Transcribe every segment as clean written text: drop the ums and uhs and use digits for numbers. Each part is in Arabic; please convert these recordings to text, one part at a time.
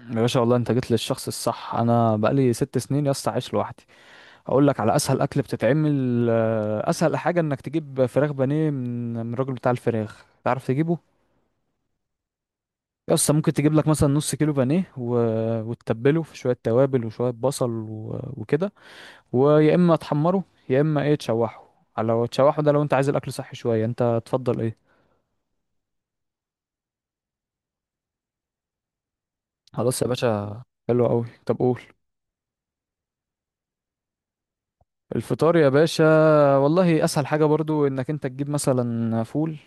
يا باشا، والله انت جيت للشخص الصح. انا بقالي 6 سنين يا اسطى عايش لوحدي. اقول لك على اسهل اكل بتتعمل، اسهل حاجه انك تجيب فراخ بانيه من الراجل بتاع الفراخ، تعرف تجيبه. يا اسطى، ممكن تجيب لك مثلا نص كيلو بانيه وتتبله في شويه توابل وشويه بصل و... وكده. ويا اما تحمره، يا اما ايه تشوحه. لو تشوحه ده، لو انت عايز الاكل صحي شويه انت تفضل ايه؟ خلاص يا باشا. حلو قوي. طب قول. الفطار يا باشا، والله اسهل حاجه برضو انك انت تجيب مثلا فول.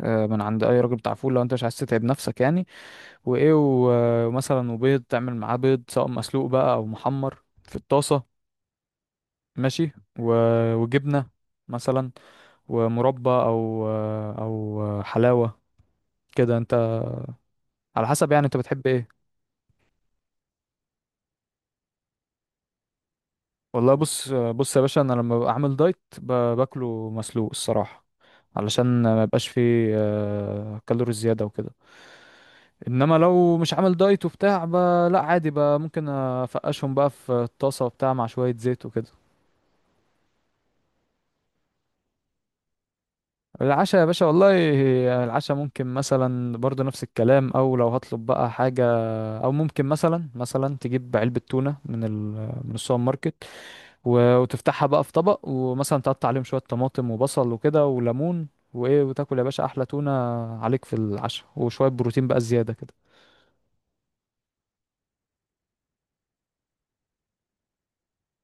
من عند اي راجل بتاع فول، لو انت مش عايز تتعب نفسك يعني. وايه، و- ومثلا وبيض تعمل معاه بيض، سواء مسلوق بقى او محمر في الطاسه. ماشي. و- وجبنه مثلا، ومربى او حلاوه، كده انت، على حسب يعني انت بتحب ايه. والله بص بص يا باشا، انا لما ببقى عامل دايت ب- باكله مسلوق الصراحه. علشان ما يبقاش فيه كالوريز زياده وكده. انما لو مش عامل دايت وبتاع. لا عادي بقى، ممكن افقشهم بقى في الطاسه وبتاع مع شويه زيت وكده. العشاء يا باشا، والله العشاء ممكن مثلا برضه نفس الكلام، او لو هطلب بقى حاجه. او ممكن مثلا تجيب علبه تونه من السوبر ماركت. و- وتفتحها بقى في طبق، ومثلا تقطع عليهم شوية طماطم وبصل وكده وليمون. وايه، وتاكل يا باشا احلى تونة عليك في العشاء، وشوية بروتين بقى زيادة كده.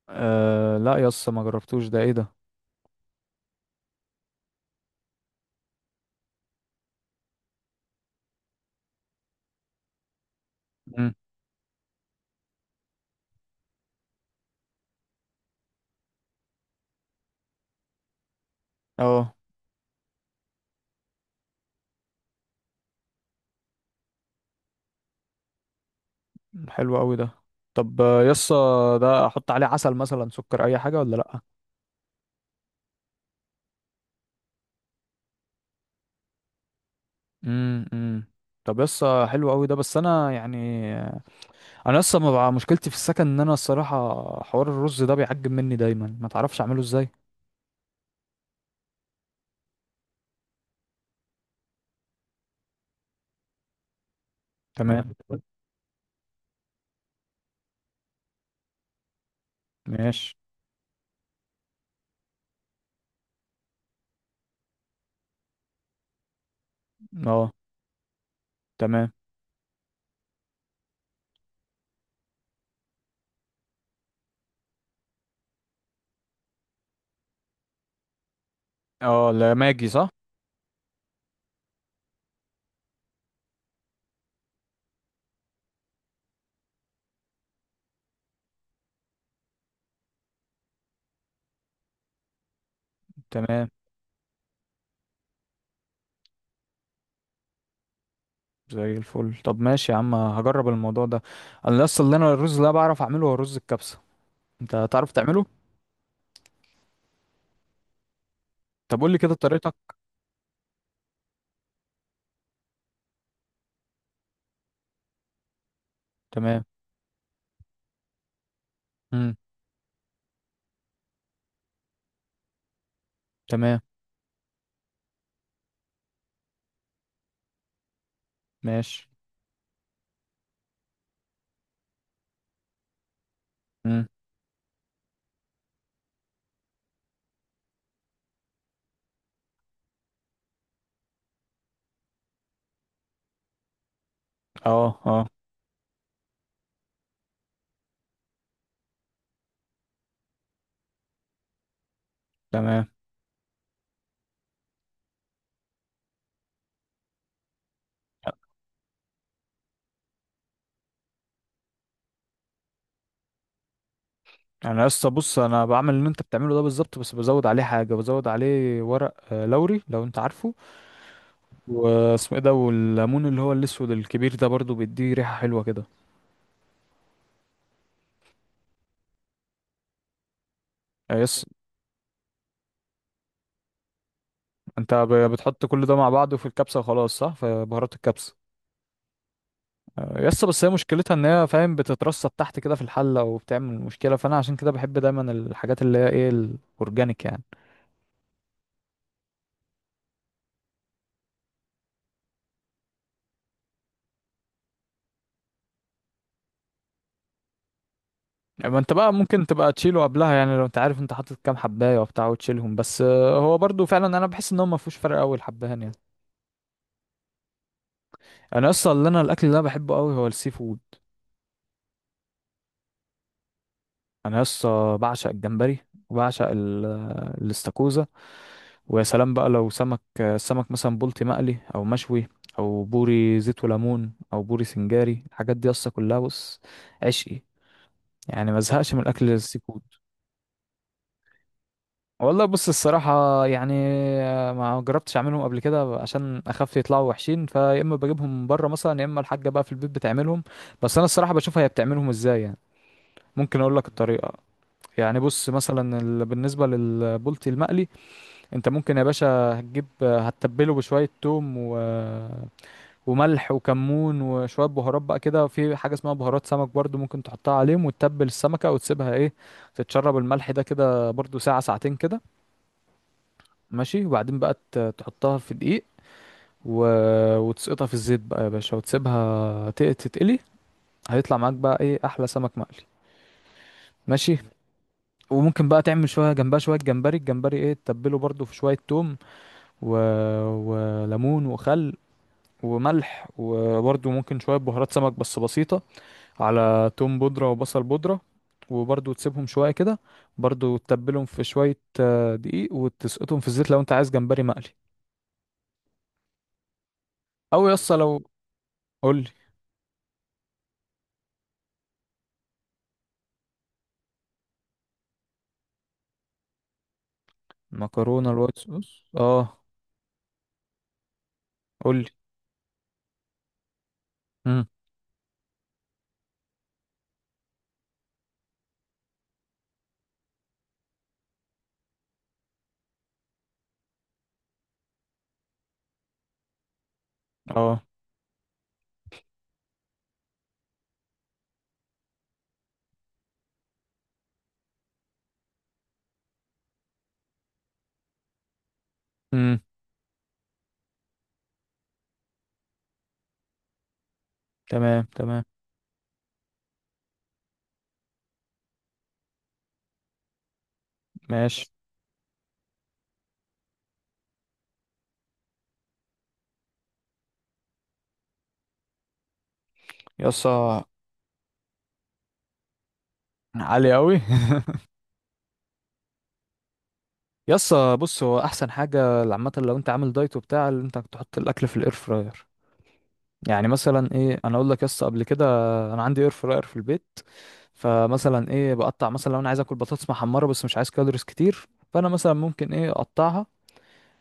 أه لا يس، ما جربتوش. ده ايه ده؟ مم. اه. حلو قوي ده. طب يس. ده احط عليه عسل مثلا، سكر، اي حاجة ولا لا؟ امم امم طب يس، حلو قوي ده، بس انا يعني انا لسه ما بقى، مشكلتي في السكن ان انا الصراحة، حوار الرز ده بيعجب مني دايما، ما تعرفش اعمله ازاي. تمام. ماشي. اه. تمام. اه. لا، ماجي صح. تمام. زي الفل. طب ماشي يا عم، هجرب الموضوع ده. انا اصلا اللي انا الرز، اللي أنا بعرف اعمله هو رز الكبسه. انت تعرف تعمله؟ طب قول لي كده طريقتك. تمام. امم. تمام. ماشي. امم. اه. اه. تمام. انا لسه بص، انا بعمل اللي انت بتعمله ده بالظبط، بس بزود عليه حاجه، بزود عليه ورق لوري لو انت عارفه. واسمه ايه ده، والليمون اللي هو الاسود الكبير ده برضو بيديه ريحه حلوه كده. يس. انت ب- بتحط كل ده مع بعضه في الكبسه وخلاص، صح؟ في بهارات الكبسه. يس، بس هي مشكلتها ان هي فاهم بتترصد تحت كده في الحله، وبتعمل مشكله، فانا عشان كده بحب دايما الحاجات اللي هي ايه الاورجانيك يعني. يعني ما انت بقى ممكن تبقى تشيله قبلها، يعني لو انت عارف انت حاطط كام حبايه وبتاع وتشيلهم بس، هو برضو فعلا انا بحس ان هو ما فيهوش فرق قوي الحبهان يعني. انا اصلا اللي انا الاكل اللي انا بحبه قوي هو السي فود. انا لسه بعشق الجمبري. وبعشق الاستاكوزا. ويا سلام بقى لو سمك، السمك مثلا بلطي مقلي او مشوي، او بوري زيت وليمون او بوري سنجاري، الحاجات دي اصلا كلها بص، عشقي. يعني ما ازهقش من الاكل السي فود. والله بص الصراحه يعني، ما جربتش اعملهم قبل كده عشان اخاف يطلعوا وحشين، فيا اما بجيبهم من بره مثلا، يا اما الحاجه بقى في البيت بتعملهم. بس انا الصراحه بشوفها هي بتعملهم ازاي، يعني ممكن اقول لك الطريقه. يعني بص مثلا بالنسبة للبولتي المقلي، انت ممكن يا باشا هتجيب، هتتبله بشوية توم و... وملح وكمون وشوية بهارات بقى كده، في حاجة اسمها بهارات سمك برضو ممكن تحطها عليهم، وتتبل السمكة وتسيبها ايه، تتشرب الملح ده كده برضو ساعة ساعتين كده. ماشي، وبعدين بقى ت- تحطها في دقيق و... وتسقطها في الزيت بقى يا باشا، وتسيبها ت- تتقلي. هيطلع معاك بقى ايه احلى سمك مقلي. ماشي. وممكن بقى تعمل شويه جنبها شويه جمبري، الجمبري ايه تتبله برضو في شويه توم و... وليمون وخل، وملح، وبرده ممكن شوية بهارات سمك بس بسيطة، على توم بودرة وبصل بودرة. وبرده تسيبهم شوية كده، برده تتبلهم في شوية دقيق وتسقطهم في الزيت لو انت عايز جمبري مقلي. او يسطا لو. قولي. مكرونة الوايت صوص؟ اه. قولي. امم. اه. امم. تمام. تمام. ماشي. يسطا. عالي قوي. يسطا بص، هو احسن حاجة عامة لو انت عامل دايت وبتاع، اللي انت تحط الاكل في الاير فراير. يعني مثلا ايه، انا اقول لك يس، قبل كده انا عندي اير فراير في البيت. فمثلا ايه بقطع مثلا، لو انا عايز اكل بطاطس محمره بس مش عايز كالوريز كتير، فانا مثلا ممكن ايه اقطعها.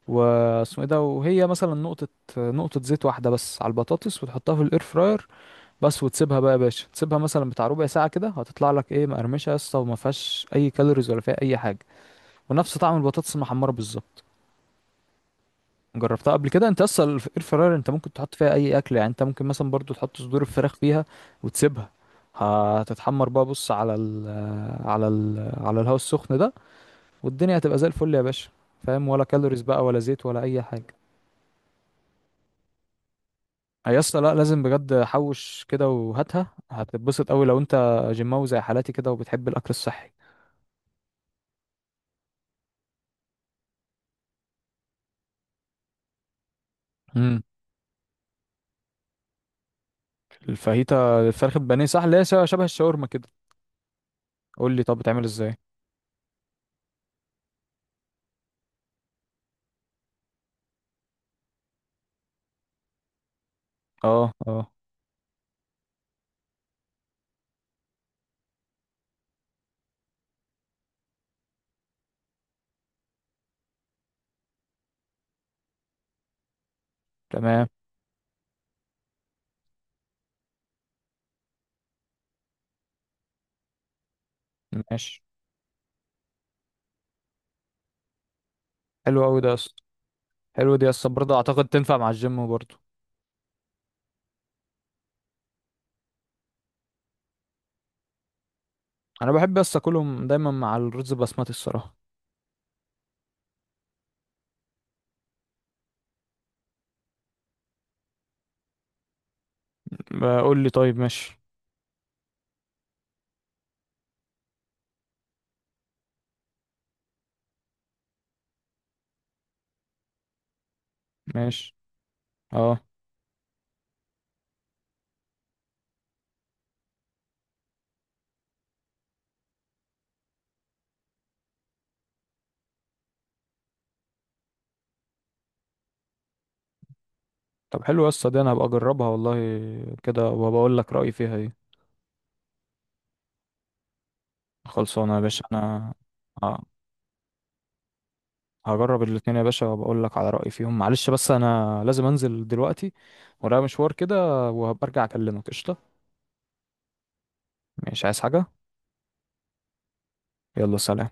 واسمه ايه ده، وهي مثلا نقطه، نقطه زيت واحده بس على البطاطس، وتحطها في الاير فراير بس، وتسيبها بقى يا باشا، تسيبها مثلا بتاع ربع ساعه كده، هتطلع لك ايه مقرمشه يا اسطى، وما فيهاش اي كالوريز ولا فيها اي حاجه، ونفس طعم البطاطس المحمره بالظبط. جربتها قبل كده انت؟ اصلا الاير فراير انت ممكن تحط فيها اي اكل يعني، انت ممكن مثلا برضو تحط صدور الفراخ فيها، وتسيبها هتتحمر بقى، بص على ال على ال على الهواء السخن ده، والدنيا هتبقى زي الفل يا باشا. فاهم؟ ولا كالوريز بقى ولا زيت ولا اي حاجه. آه يا اسطى، لا لازم بجد، حوش كده وهاتها، هتتبسط قوي لو انت جيماوي زي حالاتي كده وبتحب الاكل الصحي. امم. الفاهيتا، الفراخ البانيه صح، اللي هي شبه الشاورما كده؟ قول لي، طب بتعمل ازاي؟ اه. اه. تمام. ماشي. حلو قوي ده يا اسطى. حلو دي يسطا، برضه اعتقد تنفع مع الجيم برضه. انا بحب يسطا اكلهم دايما مع الرز بسمتي الصراحه. بقول لي طيب، ماشي. ماشي. اه. طب حلو يسطا دي، انا هبقى اجربها والله كده وبقول لك رايي فيها ايه. خلصانه يا باشا انا. آه. هجرب الاتنين يا باشا وبقول لك على رايي فيهم. معلش بس انا لازم انزل دلوقتي، ورايا مشوار كده، وهبقى ارجع اكلمك. قشطه. مش عايز حاجه. يلا سلام.